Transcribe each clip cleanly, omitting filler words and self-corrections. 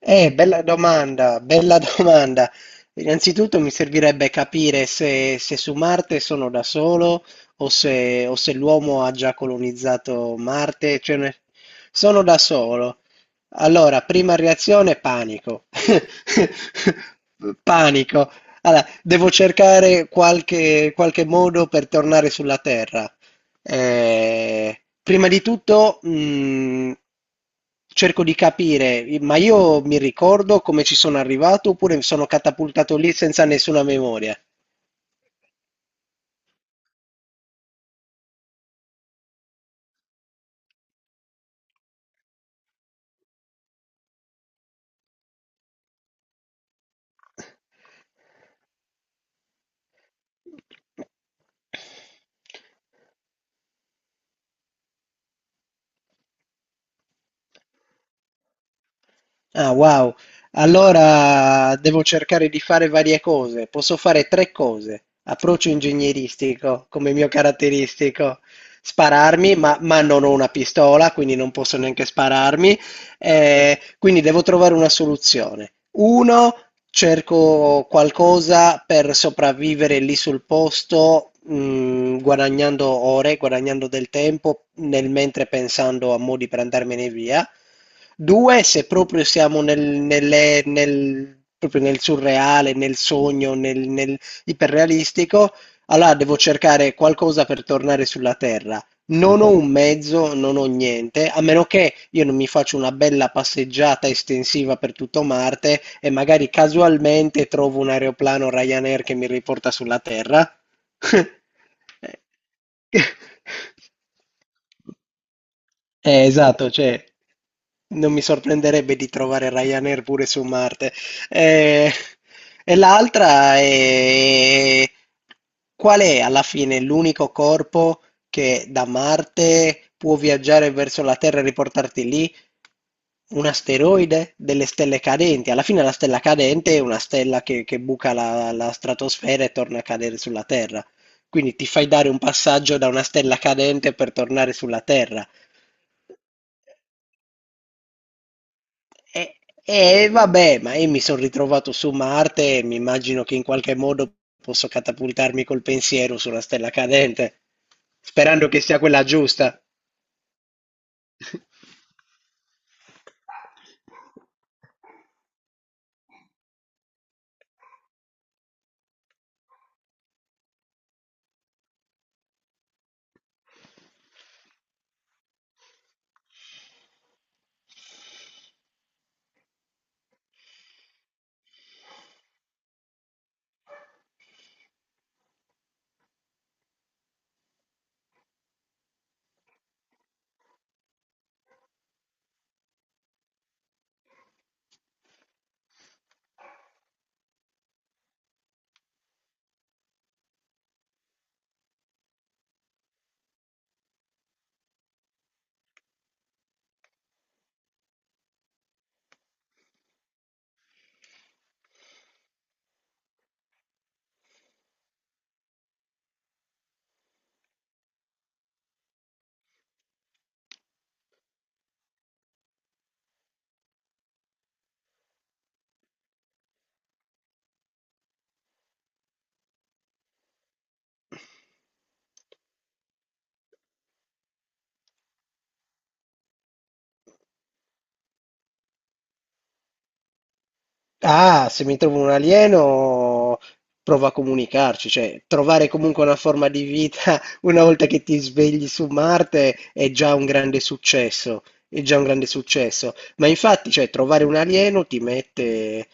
Bella domanda, bella domanda. Innanzitutto mi servirebbe capire se su Marte sono da solo o se l'uomo ha già colonizzato Marte, sono da solo. Allora, prima reazione, panico. Panico. Allora, devo cercare qualche modo per tornare sulla Terra. Ehm, prima di tutto, cerco di capire, i ma io mi ricordo come ci sono arrivato oppure mi sono catapultato lì senza nessuna memoria? Ah, wow. Allora devo cercare di fare varie cose. Posso fare tre cose. Approccio ingegneristico come mio caratteristico. Spararmi, ma non ho una pistola, quindi non posso neanche spararmi. Quindi devo trovare una soluzione. Uno, cerco qualcosa per sopravvivere lì sul posto, guadagnando ore, guadagnando del tempo, nel mentre pensando a modi per andarmene via. 2, se proprio siamo nel surreale, nel sogno, nel iperrealistico, allora devo cercare qualcosa per tornare sulla terra. Non ho un mezzo, non ho niente, a meno che io non mi faccio una bella passeggiata estensiva per tutto Marte e magari casualmente trovo un aeroplano Ryanair che mi riporta sulla Terra. Eh. Esatto, cioè, non mi sorprenderebbe di trovare Ryanair pure su Marte. Eh, e l'altra è qual è alla fine l'unico corpo che da Marte può viaggiare verso la Terra e riportarti lì? Un asteroide? Delle stelle cadenti? Alla fine la stella cadente è una stella che buca la stratosfera e torna a cadere sulla Terra. Quindi ti fai dare un passaggio da una stella cadente per tornare sulla Terra. E e vabbè, ma io mi son ritrovato su Marte e mi immagino che in qualche modo posso catapultarmi col pensiero su una stella cadente, sperando che sia quella giusta. Ah, se mi trovo un alieno, provo a comunicarci, cioè trovare comunque una forma di vita, una volta che ti svegli su Marte è già un grande successo, è già un grande successo. Ma infatti, cioè, trovare un alieno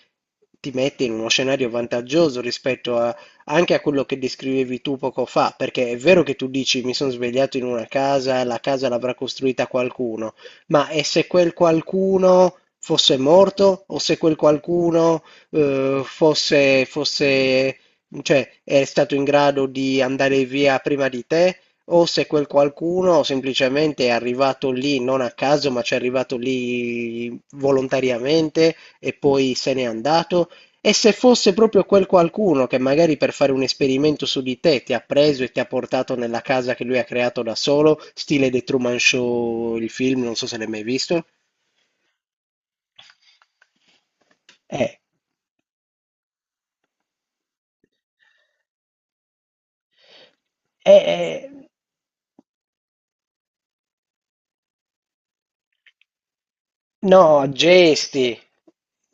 ti mette in uno scenario vantaggioso rispetto a, anche a quello che descrivevi tu poco fa, perché è vero che tu dici mi sono svegliato in una casa, la casa l'avrà costruita qualcuno, ma è se quel qualcuno fosse morto o se quel qualcuno fosse, cioè, è stato in grado di andare via prima di te o se quel qualcuno semplicemente è arrivato lì non a caso, ma ci è arrivato lì volontariamente e poi se n'è andato. E se fosse proprio quel qualcuno che magari per fare un esperimento su di te ti ha preso e ti ha portato nella casa che lui ha creato da solo, stile The Truman Show, il film, non so se l'hai mai visto. Eh, eh, eh, No, gesti,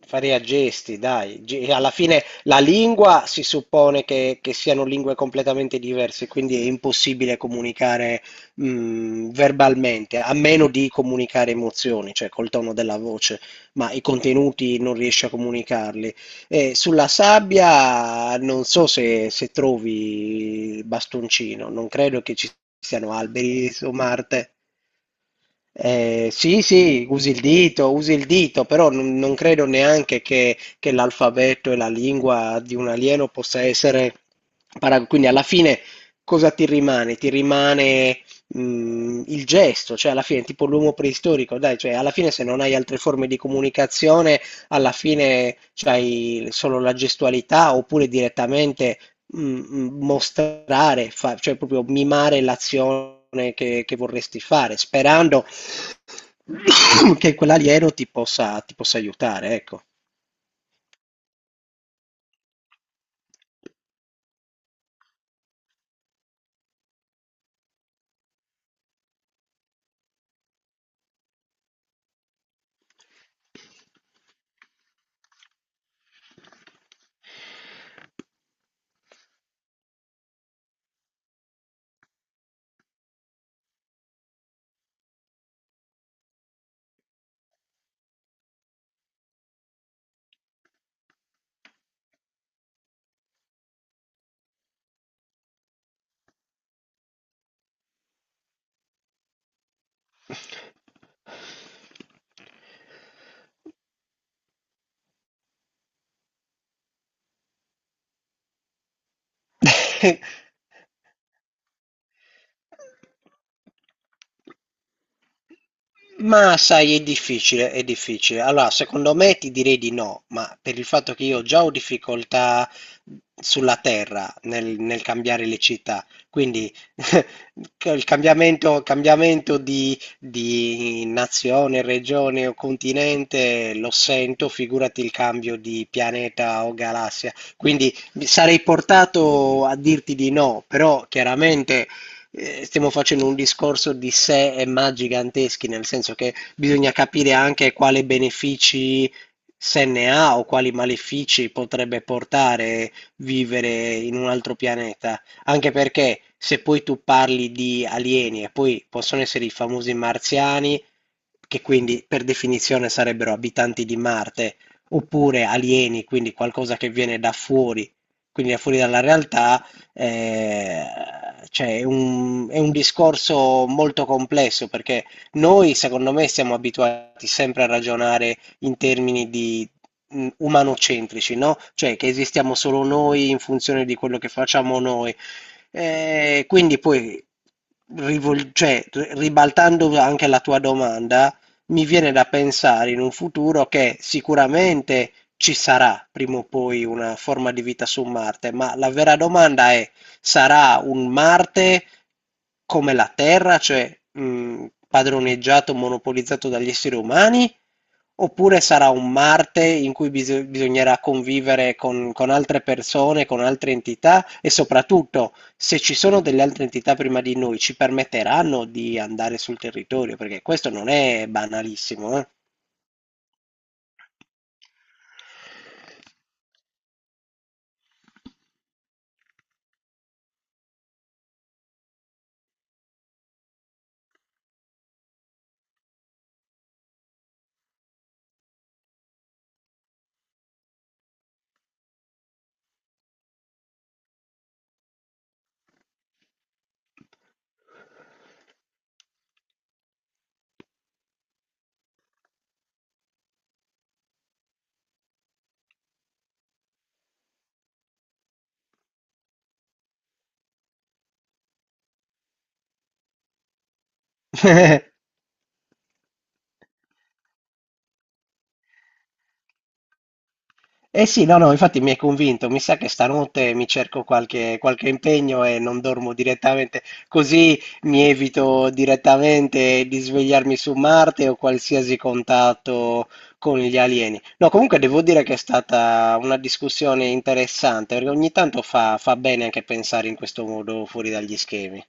faria gesti, dai. Alla fine la lingua si suppone che siano lingue completamente diverse, quindi è impossibile comunicare verbalmente, a meno di comunicare emozioni, cioè col tono della voce, ma i contenuti non riesci a comunicarli. E sulla sabbia non so se, se trovi il bastoncino, non credo che ci siano alberi su Marte. Sì, sì, usi il dito, però non credo neanche che l'alfabeto e la lingua di un alieno possa essere quindi alla fine cosa ti rimane? Ti rimane il gesto, cioè alla fine tipo l'uomo preistorico, dai, cioè alla fine se non hai altre forme di comunicazione, alla fine c'hai solo la gestualità oppure direttamente mostrare, cioè proprio mimare l'azione che vorresti fare, sperando che quell'alieno ti possa aiutare, ecco. Ma sai, è difficile, è difficile. Allora, secondo me ti direi di no, ma per il fatto che io già ho difficoltà sulla terra nel cambiare le città, quindi che il cambiamento di nazione, regione o continente lo sento, figurati il cambio di pianeta o galassia. Quindi mi sarei portato a dirti di no, però chiaramente stiamo facendo un discorso di sé e ma giganteschi, nel senso che bisogna capire anche quale benefici se ne ha o quali malefici potrebbe portare vivere in un altro pianeta. Anche perché se poi tu parli di alieni e poi possono essere i famosi marziani, che quindi per definizione sarebbero abitanti di Marte, oppure alieni, quindi qualcosa che viene da fuori, quindi da fuori dalla realtà. Ehm, cioè è un discorso molto complesso perché noi, secondo me, siamo abituati sempre a ragionare in termini di umanocentrici, no? Cioè che esistiamo solo noi in funzione di quello che facciamo noi. Quindi poi, ribaltando anche la tua domanda, mi viene da pensare in un futuro che sicuramente ci sarà prima o poi una forma di vita su Marte, ma la vera domanda è, sarà un Marte come la Terra, cioè padroneggiato, monopolizzato dagli esseri umani? Oppure sarà un Marte in cui bisognerà convivere con altre persone, con altre entità e soprattutto se ci sono delle altre entità prima di noi, ci permetteranno di andare sul territorio? Perché questo non è banalissimo, eh. Eh sì, no, no, infatti mi hai convinto. Mi sa che stanotte mi cerco qualche impegno e non dormo direttamente, così mi evito direttamente di svegliarmi su Marte o qualsiasi contatto con gli alieni. No, comunque devo dire che è stata una discussione interessante, perché ogni tanto fa bene anche pensare in questo modo fuori dagli schemi.